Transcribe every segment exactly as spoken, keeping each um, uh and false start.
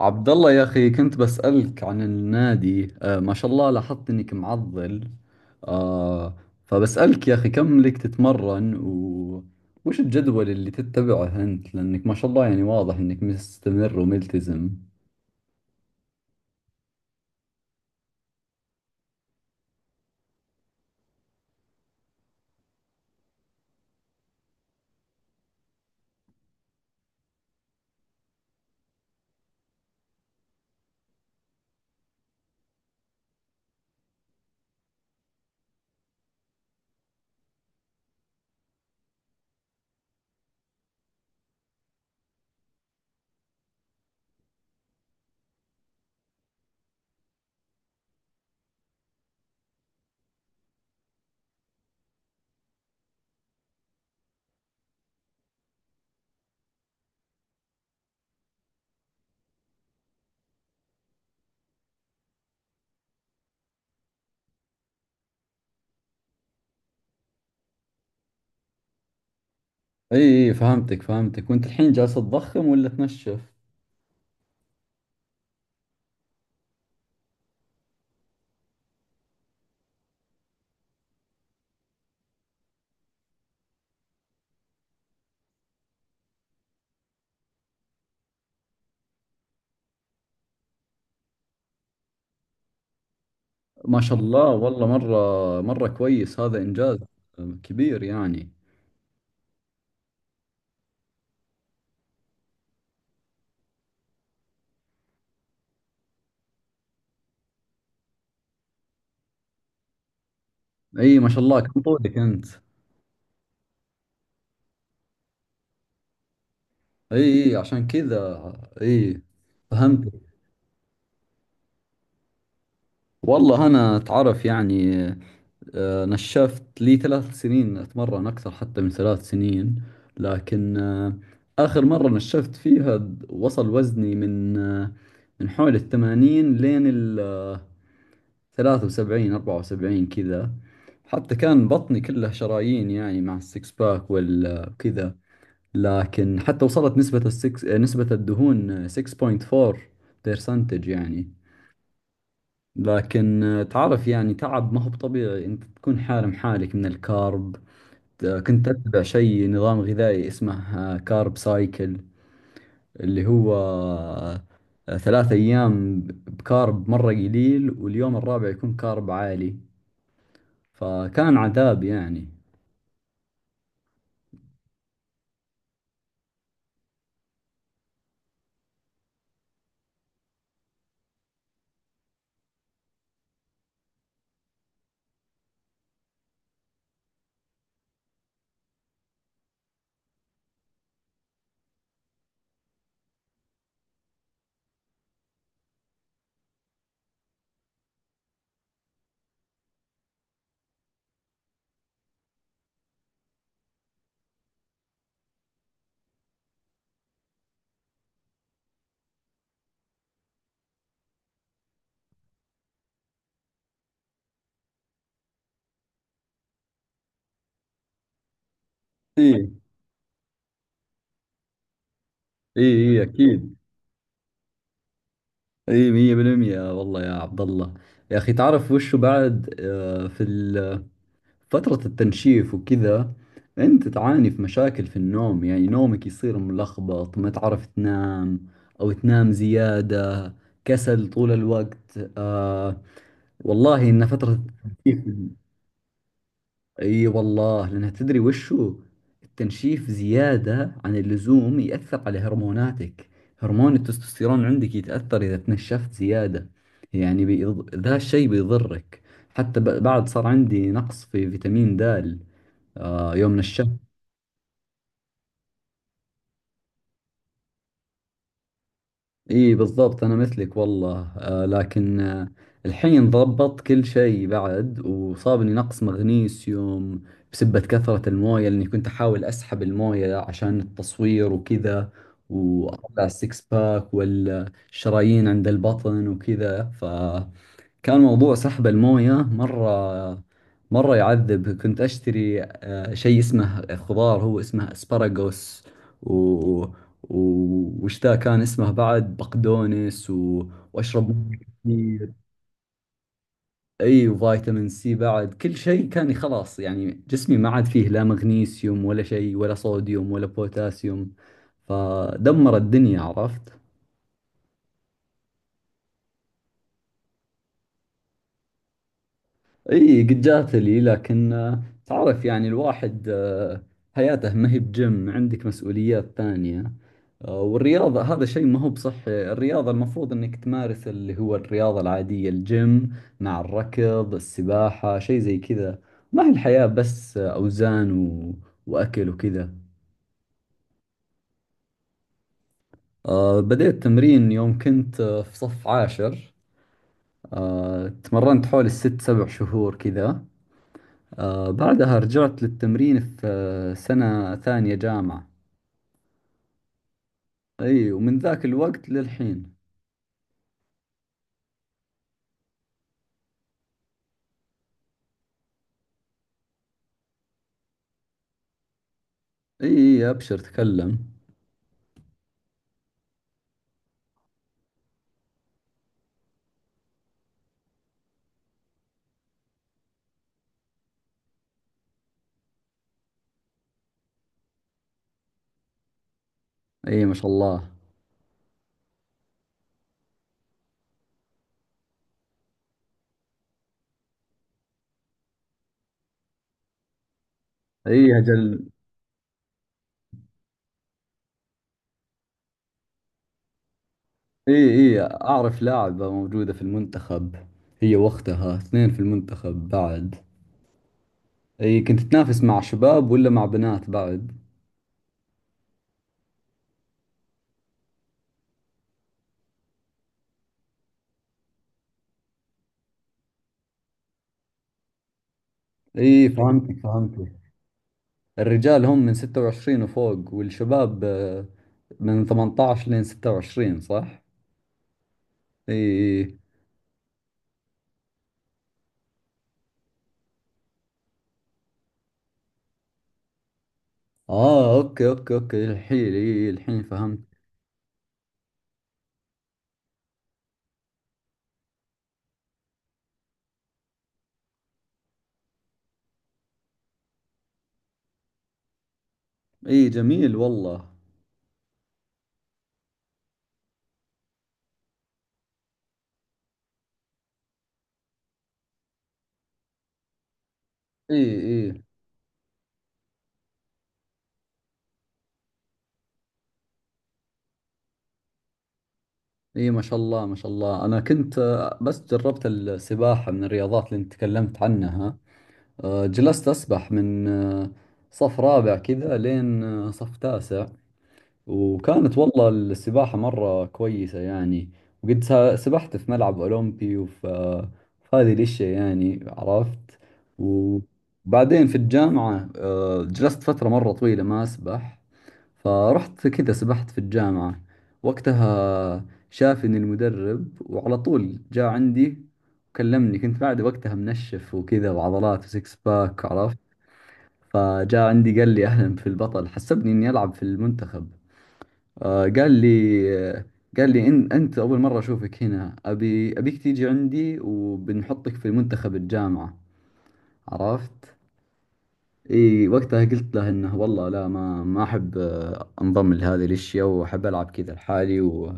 عبد الله، يا أخي، كنت بسألك عن النادي. آه ما شاء الله، لاحظت إنك معضل. آه فبسألك يا أخي، كم لك تتمرن و- وش الجدول اللي تتبعه أنت؟ لأنك ما شاء الله يعني واضح إنك مستمر وملتزم. إي إي، فهمتك فهمتك، وأنت الحين جالس تضخم ولا تنشف؟ ما شاء الله، والله مرة مرة كويس، هذا إنجاز. آه، كبير يعني. إي ما شاء الله، كم طولك أنت؟ إي إي، عشان كذا. إي، فهمت. والله أنا تعرف يعني، آه، نشفت لي ثلاث سنين أتمرن، أكثر حتى من ثلاث سنين. لكن آه، آخر مرة نشفت فيها د- وصل وزني من آه، من حول الثمانين لين الثلاثة وسبعين، أربعة وسبعين كذا. حتى كان بطني كله شرايين يعني، مع السكس باك والكذا. لكن حتى وصلت نسبة السكس آه، نسبة الدهون آه، ستة فاصلة أربعة بالمية يعني. لكن آه، تعرف يعني، تعب، ما هو بطبيعي انت تكون حارم حالك من الكارب. آه، كنت اتبع شيء نظام غذائي اسمه آه، كارب سايكل، اللي هو آه، آه، ثلاث ايام بكارب مرة قليل، واليوم الرابع يكون كارب عالي. فكان عذاب يعني. اي اي، اي اكيد. اي مية بالمية، والله يا عبد الله، يا اخي، تعرف وشو بعد آه، في فترة التنشيف وكذا، أنت تعاني في مشاكل في النوم؟ يعني نومك يصير ملخبط، ما تعرف تنام أو تنام زيادة، كسل طول الوقت. آه والله إن فترة التنشيف، أي والله، لأنها تدري وشو؟ التنشيف زيادة عن اللزوم يأثر على هرموناتك، هرمون التستوستيرون عندك يتأثر إذا تنشفت زيادة. يعني بيض... ذا الشيء بيضرك. حتى ب- بعد صار عندي نقص في فيتامين د، آه يوم من الشهر. اي بالضبط، انا مثلك والله. آه لكن آه الحين ضبط كل شيء، بعد وصابني نقص مغنيسيوم بسبة كثرة الموية، لاني كنت احاول اسحب الموية عشان التصوير وكذا، واطلع السكس باك والشرايين عند البطن وكذا. كان موضوع سحب المويه مره مره يعذب. كنت اشتري آه، شيء اسمه خضار، هو اسمه اسبراغوس، و و- وش ذا كان اسمه بعد، بقدونس، و... واشرب مية كثير. اي، وفيتامين سي بعد كل شيء. كان خلاص يعني جسمي ما عاد فيه لا مغنيسيوم ولا شيء ولا صوديوم ولا بوتاسيوم، فدمر الدنيا، عرفت. اي قد جات لي، لكن آه، تعرف يعني الواحد آه، حياته ما هي بجيم، عندك مسؤوليات ثانية. آه، والرياضة هذا شيء ما هو بصحي، الرياضة المفروض انك تمارس اللي هو الرياضة العادية، الجيم مع الركض، السباحة، شيء زي كذا. ما هي الحياة بس آه، اوزان، و... واكل وكذا. آه، بديت تمرين يوم كنت آه، في صف عاشر. آه، تمرنت حوالي الست سبع شهور كذا. آه بعدها رجعت للتمرين في آه، سنة ثانية جامعة. اي، ومن ذاك الوقت للحين. اي اي، ابشر تكلم. اي ما شاء الله. اي اجل. اي اي، اعرف لاعبة موجودة في المنتخب، هي وقتها اثنين في المنتخب بعد. اي، كنت تنافس مع شباب ولا مع بنات بعد؟ اي، فهمتك فهمتك. الرجال هم من ستة وعشرين وفوق، والشباب آه، من تمنتعش لين ستة وعشرين، صح؟ اي. اه، اوكي اوكي اوكي، الحين اي، الحين فهمت. اي، جميل والله. اي اي. اي ما شاء الله، ما شاء الله. انا كنت آه، بس جربت السباحة من الرياضات اللي انت تكلمت عنها. آه، جلست اسبح من آه، صف رابع كذا لين آه، صف تاسع. وكانت والله السباحة مرة كويسة يعني. وقد سا- سبحت في ملعب أولمبي، وف في هذه الأشياء يعني، عرفت. وبعدين في الجامعة آه، جلست فترة مرة طويلة ما أسبح. فرحت كذا سبحت في الجامعة، وقتها شافني المدرب وعلى طول جاء عندي وكلمني، كنت بعد وقتها منشف وكذا، وعضلات وسكس باك، عرفت. فجاء عندي قال لي أهلا في البطل، حسبني إني ألعب في المنتخب. آه، قال لي آه، قال لي إن أنت أول مرة أشوفك هنا، أبي أبيك تيجي عندي وبنحطك في منتخب الجامعة، عرفت؟ إي، وقتها قلت له إنه والله لا، ما ما أحب آه، أنضم لهذه الأشياء، وأحب ألعب كذا لحالي. و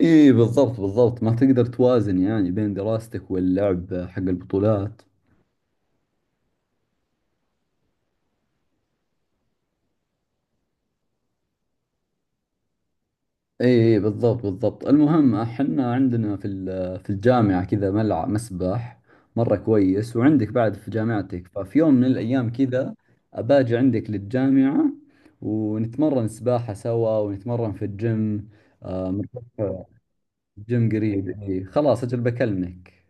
إي بالضبط بالضبط، ما تقدر توازن يعني بين دراستك واللعب حق البطولات. اي، إي بالضبط بالضبط. المهم احنا عندنا في ال- في الجامعة كذا ملعب مسبح مرة كويس، وعندك بعد في جامعتك، ففي يوم من الايام كذا اباجي عندك للجامعة، ونتمرن سباحة سوا ونتمرن في الجيم. آه، مرتفع الجيم، قريب. إي خلاص، اجل بكلمك.